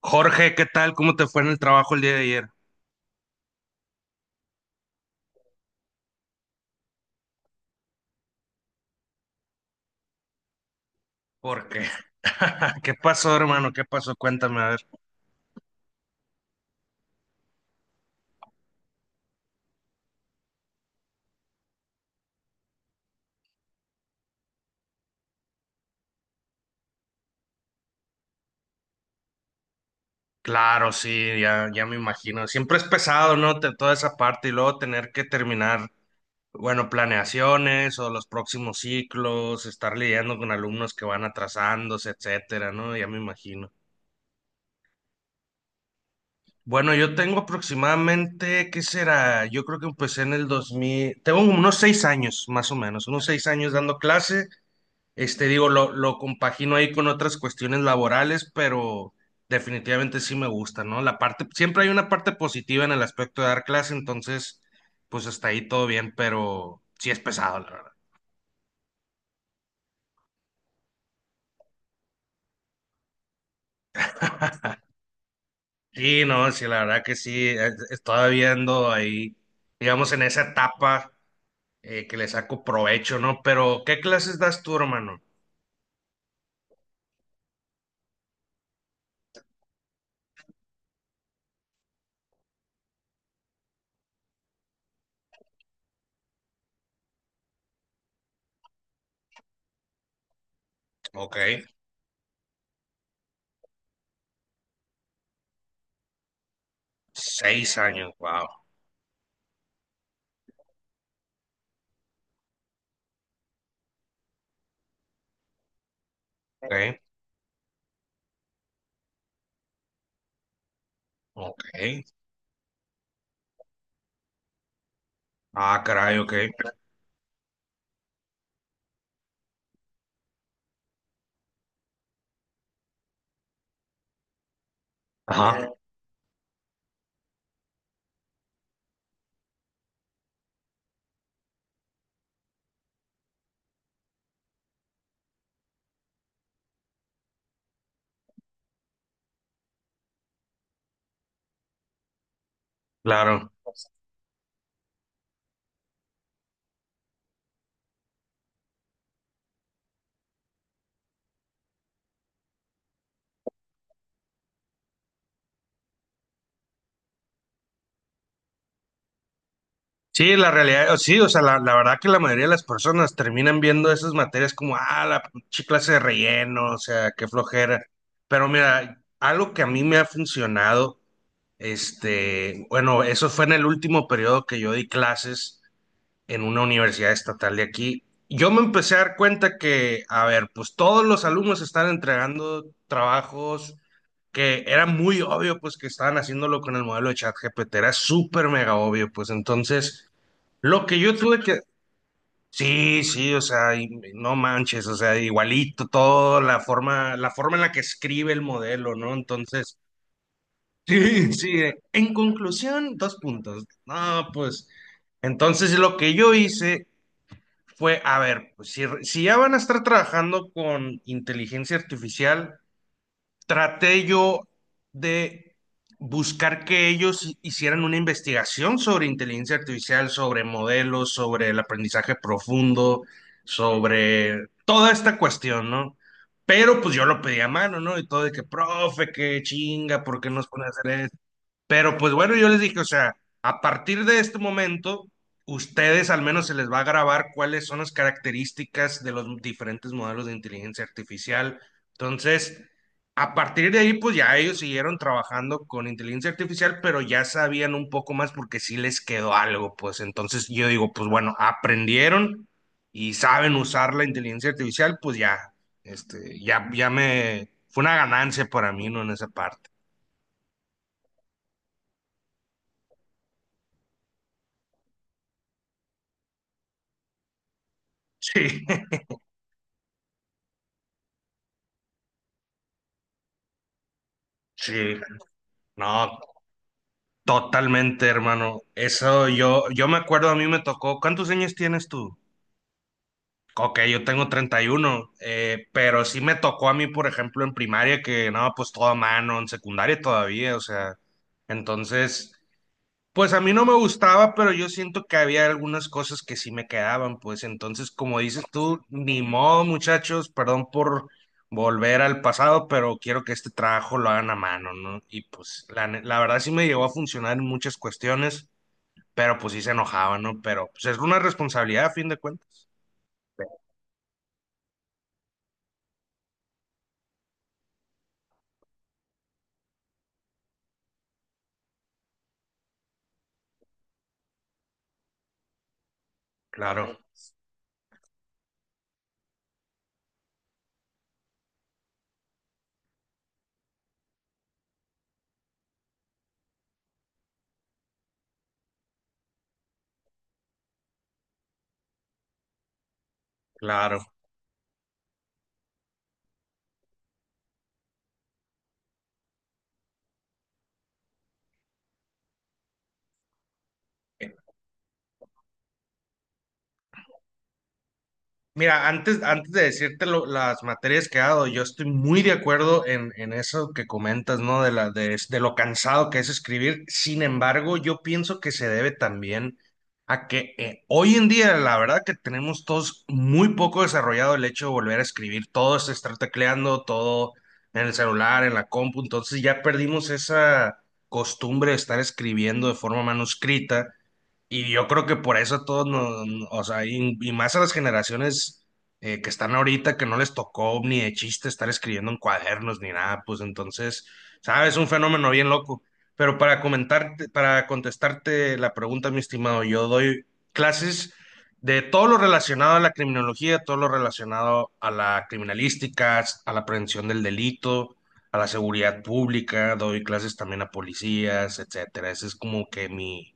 Jorge, ¿qué tal? ¿Cómo te fue en el trabajo el día de ayer? ¿Por ¿qué ¿Qué pasó, hermano? ¿Qué pasó? Cuéntame, a ver. Claro, sí, ya me imagino. Siempre es pesado, ¿no? Toda esa parte y luego tener que terminar, bueno, planeaciones o los próximos ciclos, estar lidiando con alumnos que van atrasándose, etcétera, ¿no? Ya me imagino. Bueno, yo tengo aproximadamente, ¿qué será? Yo creo que empecé en el 2000, tengo como unos seis años, más o menos, unos seis años dando clase. Este, digo, lo compagino ahí con otras cuestiones laborales, pero definitivamente sí me gusta, ¿no? La parte, siempre hay una parte positiva en el aspecto de dar clase, entonces, pues hasta ahí todo bien, pero sí es pesado, la verdad. Sí, no, sí, la verdad que sí, estaba viendo ahí, digamos, en esa etapa que le saco provecho, ¿no? Pero, ¿qué clases das tú, hermano? Ok, seis años, wow, ok, ok, ah, caray, ok, ajá, claro. Sí, la realidad, sí, o sea, la verdad que la mayoría de las personas terminan viendo esas materias como, ah, la pinche clase de relleno, o sea, qué flojera. Pero mira, algo que a mí me ha funcionado, este, bueno, eso fue en el último periodo que yo di clases en una universidad estatal de aquí. Yo me empecé a dar cuenta que, a ver, pues todos los alumnos están entregando trabajos que era muy obvio, pues que estaban haciéndolo con el modelo de ChatGPT, era súper mega obvio, pues entonces lo que yo tuve que... Sí, sí, o sea, y no manches, o sea, igualito todo, la forma en la que escribe el modelo, ¿no? Entonces, sí, sí, en conclusión, dos puntos. No, pues, entonces lo que yo hice fue, a ver, pues si, si ya van a estar trabajando con inteligencia artificial, traté yo de buscar que ellos hicieran una investigación sobre inteligencia artificial, sobre modelos, sobre el aprendizaje profundo, sobre toda esta cuestión, ¿no? Pero pues yo lo pedí a mano, ¿no? Y todo de que, profe, qué chinga, ¿por qué nos pone a hacer esto? Pero pues bueno, yo les dije, o sea, a partir de este momento, ustedes al menos se les va a grabar cuáles son las características de los diferentes modelos de inteligencia artificial. Entonces, a partir de ahí, pues ya ellos siguieron trabajando con inteligencia artificial, pero ya sabían un poco más porque sí les quedó algo, pues entonces yo digo, pues bueno, aprendieron y saben usar la inteligencia artificial, pues ya, este, ya me, fue una ganancia para mí, ¿no? En esa parte. Sí, sí. No, totalmente, hermano. Eso yo, me acuerdo, a mí me tocó. ¿Cuántos años tienes tú? Ok, yo tengo 31, pero sí me tocó a mí, por ejemplo, en primaria, que no, pues todo a mano, en secundaria todavía, o sea, entonces. Pues a mí no me gustaba, pero yo siento que había algunas cosas que sí me quedaban, pues entonces, como dices tú, ni modo, muchachos, perdón por volver al pasado, pero quiero que este trabajo lo hagan a mano, ¿no? Y pues la, la verdad sí me llegó a funcionar en muchas cuestiones, pero pues sí se enojaba, ¿no? Pero pues es una responsabilidad a fin de cuentas. Claro, claro. Mira, antes, antes de decirte las materias que he dado, yo estoy muy de acuerdo en eso que comentas, ¿no? De la, de lo cansado que es escribir. Sin embargo, yo pienso que se debe también a que hoy en día, la verdad que tenemos todos muy poco desarrollado el hecho de volver a escribir. Todo es estar tecleando, todo en el celular, en la compu. Entonces ya perdimos esa costumbre de estar escribiendo de forma manuscrita. Y yo creo que por eso a todos nos, o sea, y más a las generaciones que están ahorita, que no les tocó ni de chiste estar escribiendo en cuadernos ni nada, pues entonces, ¿sabes? Un fenómeno bien loco. Pero para comentarte, para contestarte la pregunta, mi estimado, yo doy clases de todo lo relacionado a la criminología, todo lo relacionado a la criminalística, a la prevención del delito, a la seguridad pública, doy clases también a policías, etcétera. Ese es como que mi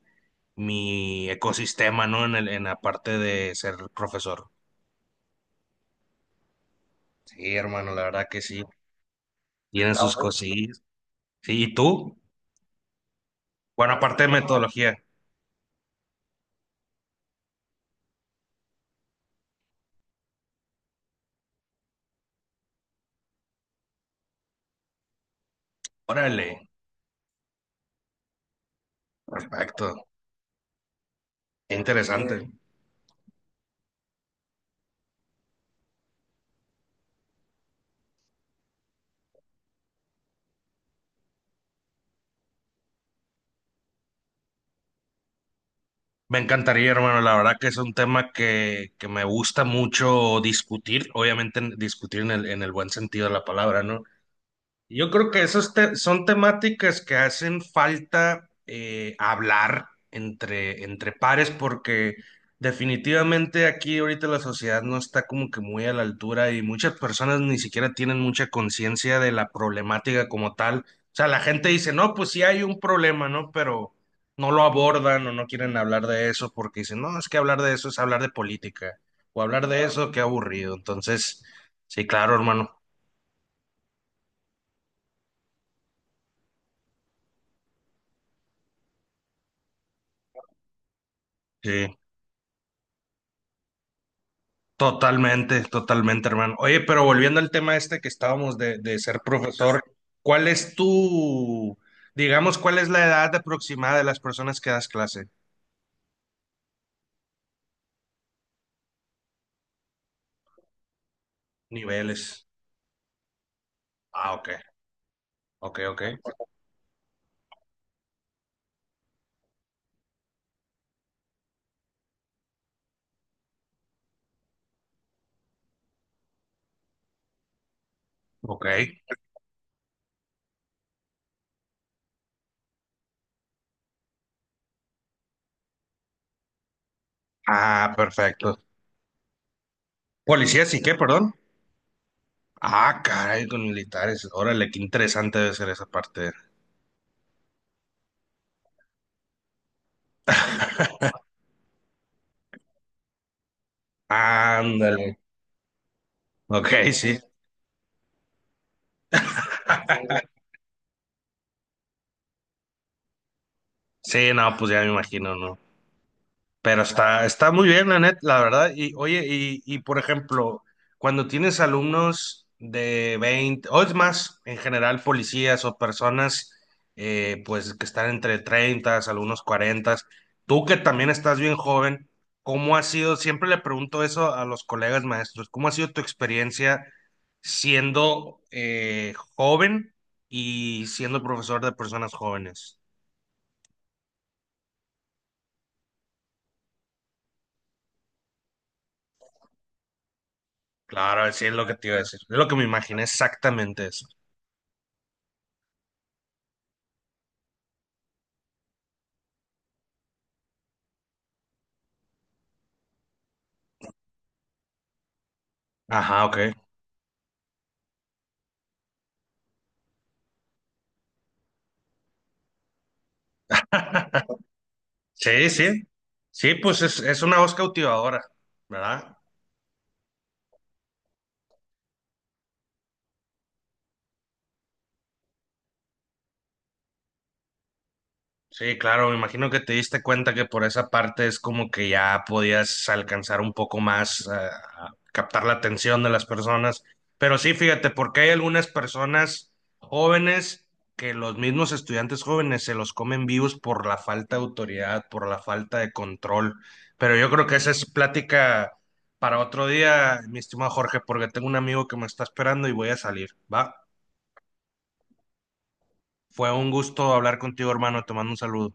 ecosistema, ¿no? En el, en la parte de ser profesor. Sí, hermano, la verdad que sí. Tienen Ah, sus bueno. cosillas. Sí, ¿y tú? Bueno, aparte de metodología. Órale, perfecto. Qué Interesante. Me encantaría, hermano. La verdad que es un tema que me gusta mucho discutir. Obviamente discutir en el buen sentido de la palabra, ¿no? Yo creo que esas son temáticas que hacen falta hablar entre, entre pares porque definitivamente aquí ahorita la sociedad no está como que muy a la altura y muchas personas ni siquiera tienen mucha conciencia de la problemática como tal. O sea, la gente dice, no, pues sí hay un problema, ¿no? Pero no lo abordan o no quieren hablar de eso porque dicen, no, es que hablar de eso es hablar de política o hablar de eso, qué aburrido. Entonces, sí, claro, hermano. Sí. Totalmente, totalmente, hermano. Oye, pero volviendo al tema este que estábamos de ser profesor, ¿cuál es tu, digamos, cuál es la edad aproximada de las personas que das clase? Niveles. Ah, ok, ok, ok, ok. Ah, perfecto. ¿Policías y qué, perdón? Ah, caray, con militares. Órale, qué interesante debe ser esa parte. Ándale. Ok, sí. Sí, no, pues ya me imagino, ¿no? Pero está, está muy bien, la net, la verdad. Y oye, y por ejemplo, cuando tienes alumnos de 20, o es más, en general, policías o personas pues que están entre 30, algunos 40, tú que también estás bien joven, ¿cómo ha sido? Siempre le pregunto eso a los colegas maestros, ¿cómo ha sido tu experiencia siendo joven y siendo profesor de personas jóvenes? Claro, sí es lo que te iba a decir. Es lo que me imaginé exactamente. Ajá, ok. Sí, sí. Sí, pues es una voz cautivadora, ¿verdad? Sí, claro, me imagino que te diste cuenta que por esa parte es como que ya podías alcanzar un poco más, a captar la atención de las personas. Pero sí, fíjate, porque hay algunas personas jóvenes que los mismos estudiantes jóvenes se los comen vivos por la falta de autoridad, por la falta de control. Pero yo creo que esa es plática para otro día, mi estimado Jorge, porque tengo un amigo que me está esperando y voy a salir, ¿va? Fue un gusto hablar contigo, hermano, te mando un saludo.